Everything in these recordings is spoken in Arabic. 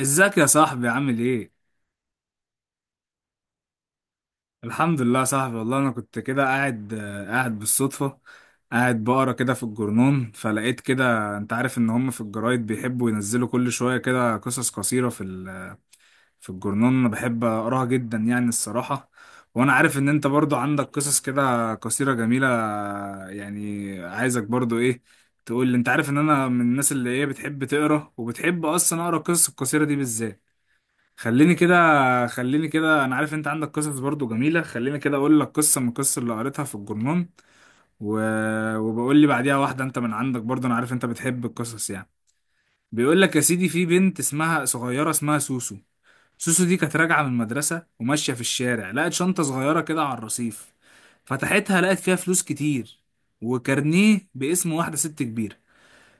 ازيك يا صاحبي، عامل ايه؟ الحمد لله يا صاحبي، والله انا كنت كده قاعد، قاعد بالصدفة. قاعد بقرا كده في الجرنون فلقيت كده، انت عارف ان هم في الجرايد بيحبوا ينزلوا كل شوية كده قصص قصيرة في الجرنون. انا بحب اقراها جدا يعني الصراحة. وانا عارف ان انت برضو عندك قصص كده قصيرة جميلة. يعني عايزك برضو ايه، تقول لي. انت عارف ان انا من الناس اللي ايه، بتحب تقرا وبتحب اصلا اقرا القصص القصيرة دي بالذات. خليني كده، خليني كده، انا عارف انت عندك قصص برضو جميلة، خليني كده اقول لك قصة من القصص اللي قريتها في الجرنون و... وبقول لي بعديها واحدة انت من عندك برضو، انا عارف انت بتحب القصص يعني. بيقول لك يا سيدي، في بنت اسمها صغيرة، اسمها سوسو. سوسو دي كانت راجعة من المدرسة وماشية في الشارع، لقت شنطة صغيرة كده على الرصيف. فتحتها لقت فيها فلوس كتير وكارنيه باسم واحدة ست كبيرة.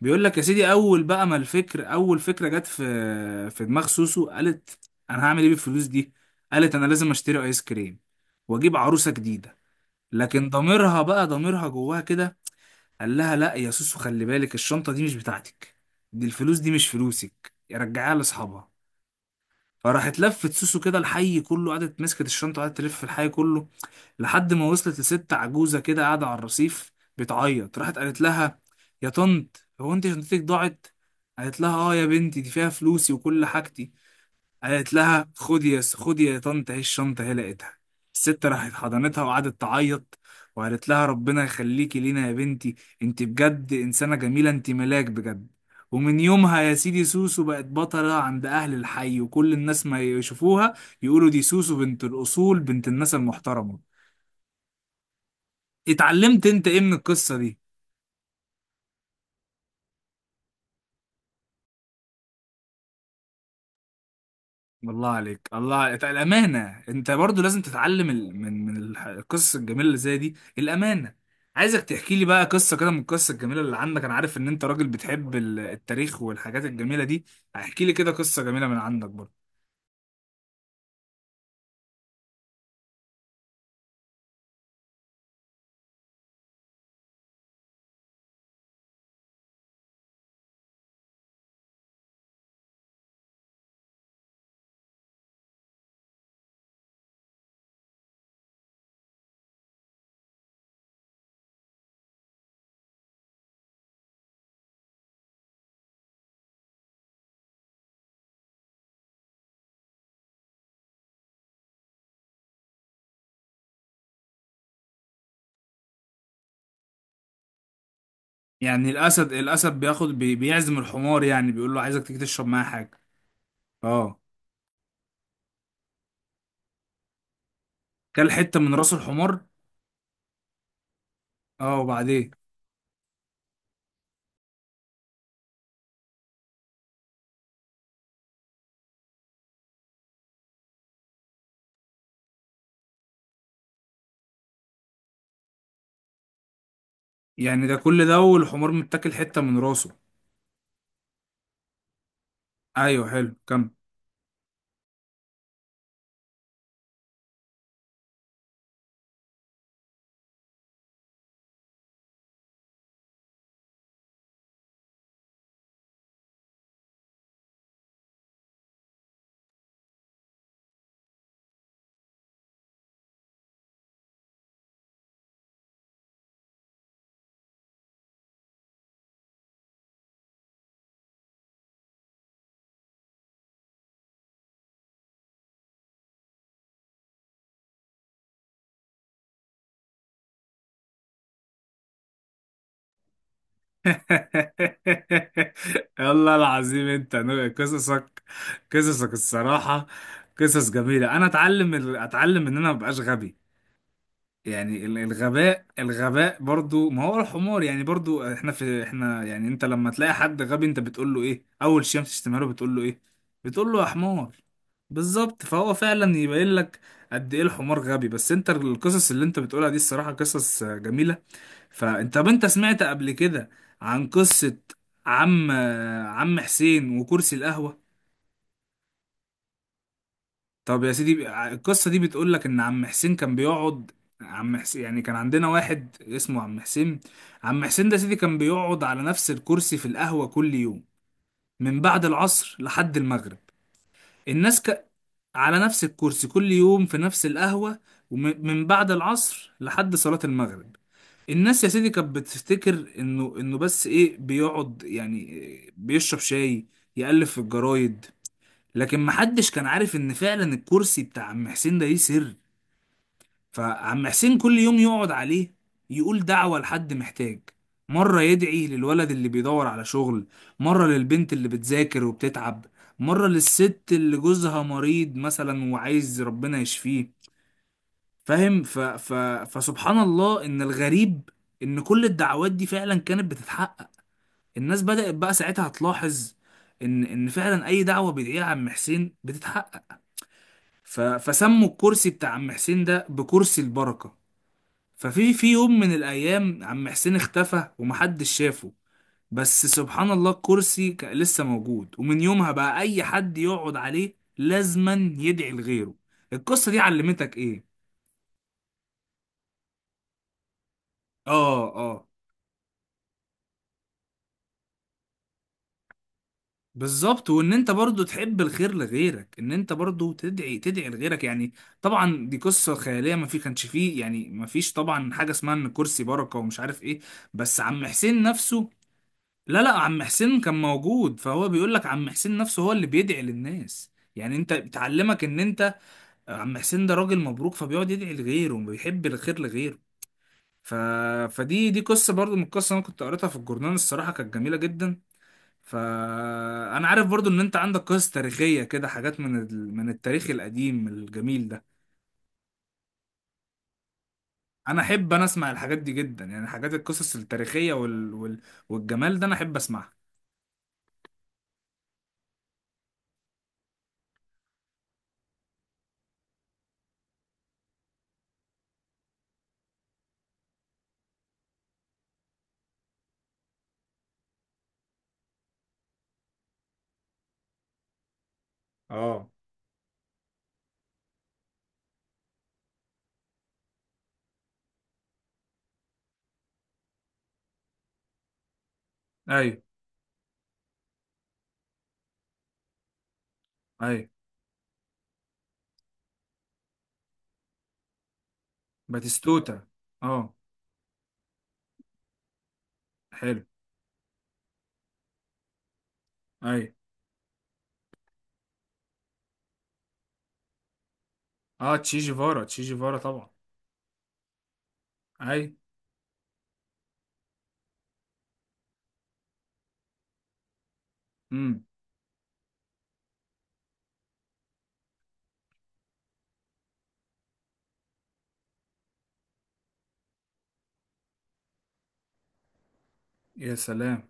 بيقول لك يا سيدي، اول بقى ما الفكر، اول فكره جت في دماغ سوسو، قالت انا هعمل ايه بالفلوس دي؟ قالت انا لازم اشتري ايس كريم واجيب عروسه جديده. لكن ضميرها بقى، ضميرها جواها كده قال لها لا يا سوسو، خلي بالك، الشنطه دي مش بتاعتك، دي الفلوس دي مش فلوسك، رجعيها لاصحابها. فراحت لفت سوسو كده الحي كله، قعدت مسكت الشنطة وقعدت تلف في الحي كله لحد ما وصلت لست عجوزة كده قاعدة على الرصيف بتعيط، راحت قالت لها يا طنط، هو انت شنطتك ضاعت؟ قالت لها اه يا بنتي، دي فيها فلوسي وكل حاجتي. قالت لها خدي يا، خدي يا طنط، اهي الشنطة، هي لقيتها. الست راحت حضنتها وقعدت تعيط، وقالت لها ربنا يخليكي لينا يا بنتي، انت بجد انسانة جميلة، انت ملاك بجد. ومن يومها يا سيدي سوسو بقت بطلة عند أهل الحي، وكل الناس ما يشوفوها يقولوا دي سوسو، بنت الأصول، بنت الناس المحترمة. اتعلمت انت ايه من القصة دي؟ الله عليك، الله عليك. الامانه، انت برضو لازم تتعلم من القصص الجميله اللي زي دي، الامانه. عايزك تحكي لي بقى قصه كده من القصص الجميله اللي عندك، انا عارف ان انت راجل بتحب التاريخ والحاجات الجميله دي. احكي لي كده قصه جميله من عندك برضو. يعني الاسد، الاسد بياخد بيعزم الحمار، يعني بيقول له عايزك تيجي تشرب معايا حاجه. اه، كل حته من راس الحمار. اه، وبعدين؟ يعني ده كل ده والحمار متاكل حته من راسه؟ ايوه، حلو، كمل. والله العظيم انت قصصك، قصصك الصراحة قصص جميلة. انا اتعلم اتعلم ان انا مبقاش غبي. يعني الغباء، الغباء برضو، ما هو الحمار يعني، برضو احنا، في احنا يعني. انت لما تلاقي حد غبي، انت بتقول له ايه اول شيء، بتشتمها له بتقول له ايه؟ بتقول له يا حمار. بالظبط، فهو فعلا يبين لك قد ايه الحمار غبي. بس انت القصص اللي انت بتقولها دي الصراحة قصص جميلة. فانت، طب انت سمعت قبل كده عن قصة عم حسين وكرسي القهوة؟ طب يا سيدي، القصة دي بتقول لك إن عم حسين كان بيقعد. عم حسين يعني كان عندنا واحد اسمه عم حسين. عم حسين ده يا سيدي كان بيقعد على نفس الكرسي في القهوة كل يوم من بعد العصر لحد المغرب. الناس ك... على نفس الكرسي كل يوم في نفس القهوة، ومن بعد العصر لحد صلاة المغرب. الناس يا سيدي كانت بتفتكر انه بس ايه، بيقعد يعني بيشرب شاي، يألف في الجرايد. لكن محدش كان عارف ان فعلا الكرسي بتاع عم حسين ده ليه سر. فعم حسين كل يوم يقعد عليه، يقول دعوة لحد محتاج. مرة يدعي للولد اللي بيدور على شغل، مرة للبنت اللي بتذاكر وبتتعب، مرة للست اللي جوزها مريض مثلا وعايز ربنا يشفيه. فاهم؟ فسبحان الله ان الغريب ان كل الدعوات دي فعلا كانت بتتحقق. الناس بدأت بقى ساعتها تلاحظ ان فعلا اي دعوة بيدعيها عم حسين بتتحقق. فسموا الكرسي بتاع عم حسين ده بكرسي البركة. ففي يوم من الأيام عم حسين اختفى ومحدش شافه. بس سبحان الله الكرسي كان لسه موجود، ومن يومها بقى أي حد يقعد عليه لازما يدعي لغيره. القصة دي علمتك إيه؟ آه، آه، بالظبط. وان انت برضو تحب الخير لغيرك، ان انت برضو تدعي، تدعي لغيرك يعني. طبعا دي قصة خيالية، ما في كانش فيه يعني، ما فيش طبعا حاجة اسمها ان كرسي بركة ومش عارف ايه. بس عم حسين نفسه، لا لا، عم حسين كان موجود. فهو بيقول لك عم حسين نفسه هو اللي بيدعي للناس، يعني انت بتعلمك ان انت، عم حسين ده راجل مبروك، فبيقعد يدعي لغيره وبيحب الخير لغيره. ف... فدي، دي قصة برضو من القصة انا كنت قريتها في الجورنال، الصراحة كانت جميلة جدا. فانا عارف برضو ان انت عندك قصص تاريخية كده، حاجات من من التاريخ القديم الجميل ده. انا احب، انا اسمع الحاجات دي جدا، يعني حاجات القصص التاريخية والجمال ده انا احب اسمعها. اه. ايوه، ايوه. باتيستوتا. اه، حلو. اي. اه، تشي جيفارا، تشي جيفارا طبعا. اي. امم. يا سلام.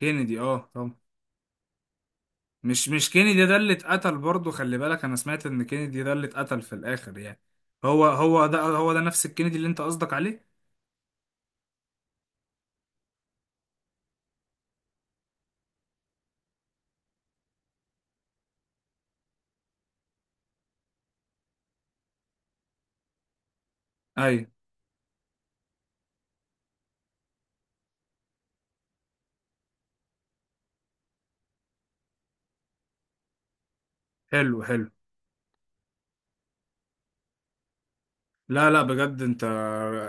كينيدي، اه طبعا. مش، مش كينيدي ده اللي اتقتل برضه؟ خلي بالك، انا سمعت ان كينيدي ده اللي اتقتل في الاخر يعني. هو، هو ده، هو ده نفس الكينيدي اللي انت قصدك عليه. اي. حلو، حلو. لا لا، بجد انت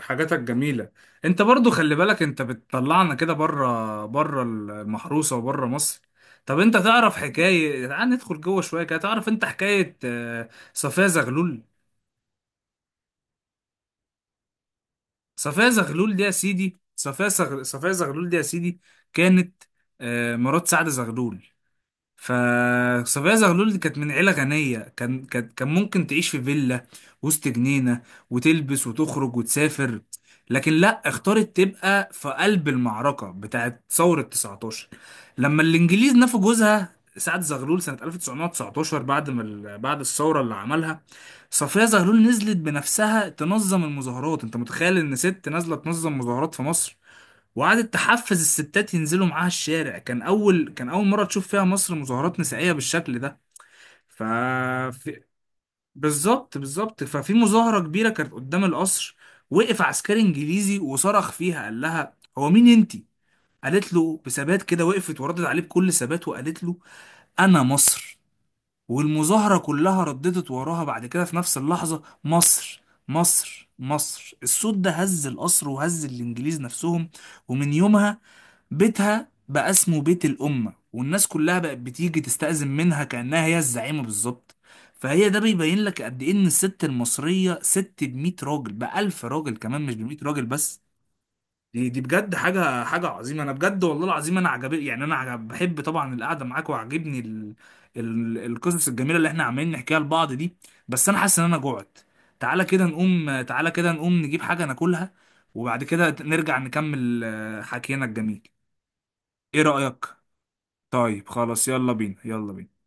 حاجاتك جميلة. انت برضو خلي بالك انت بتطلعنا كده بره، بره المحروسة وبره مصر. طب انت تعرف حكاية، تعال ندخل جوه شوية كده، تعرف انت حكاية صفية زغلول؟ صفية زغلول دي يا سيدي، صفية زغلول دي يا سيدي كانت مرات سعد زغلول. فصفية زغلول دي كانت من عيلة غنية، كان ممكن تعيش في فيلا وسط جنينة، وتلبس وتخرج وتسافر. لكن لا، اختارت تبقى في قلب المعركة بتاعت ثورة 19، لما الإنجليز نفوا جوزها سعد زغلول سنة 1919 بعد ما بعد الثورة اللي عملها. صفية زغلول نزلت بنفسها تنظم المظاهرات، انت متخيل ان ست نازلة تنظم مظاهرات في مصر؟ وقعدت تحفز الستات ينزلوا معاها الشارع، كان اول، كان اول مره تشوف فيها مصر مظاهرات نسائيه بالشكل ده. ف في- بالظبط، بالظبط. ففي مظاهره كبيره كانت قدام القصر، وقف عسكري انجليزي وصرخ فيها، قال لها هو مين انتي؟ قالت له بثبات كده، وقفت وردت عليه بكل ثبات وقالت له انا مصر. والمظاهره كلها رددت وراها بعد كده في نفس اللحظه: مصر، مصر، مصر. الصوت ده هز القصر وهز الانجليز نفسهم. ومن يومها بيتها بقى اسمه بيت الأمة، والناس كلها بقت بتيجي تستأذن منها كأنها هي الزعيمة بالظبط. فهي ده بيبين لك قد إيه إن الست المصرية ست بمية راجل، بألف راجل كمان، مش بمية راجل بس. دي بجد حاجة، حاجة عظيمة. أنا بجد والله العظيم أنا عجب يعني، أنا عجب. بحب طبعا القعدة معاك، وعاجبني القصص الجميلة اللي إحنا عمالين نحكيها لبعض دي. بس أنا حاسس إن أنا جوعت. تعالى كده نقوم، تعالى كده نقوم نجيب حاجة ناكلها، وبعد كده نرجع نكمل حكينا الجميل. ايه رأيك؟ طيب خلاص، يلا بينا، يلا بينا.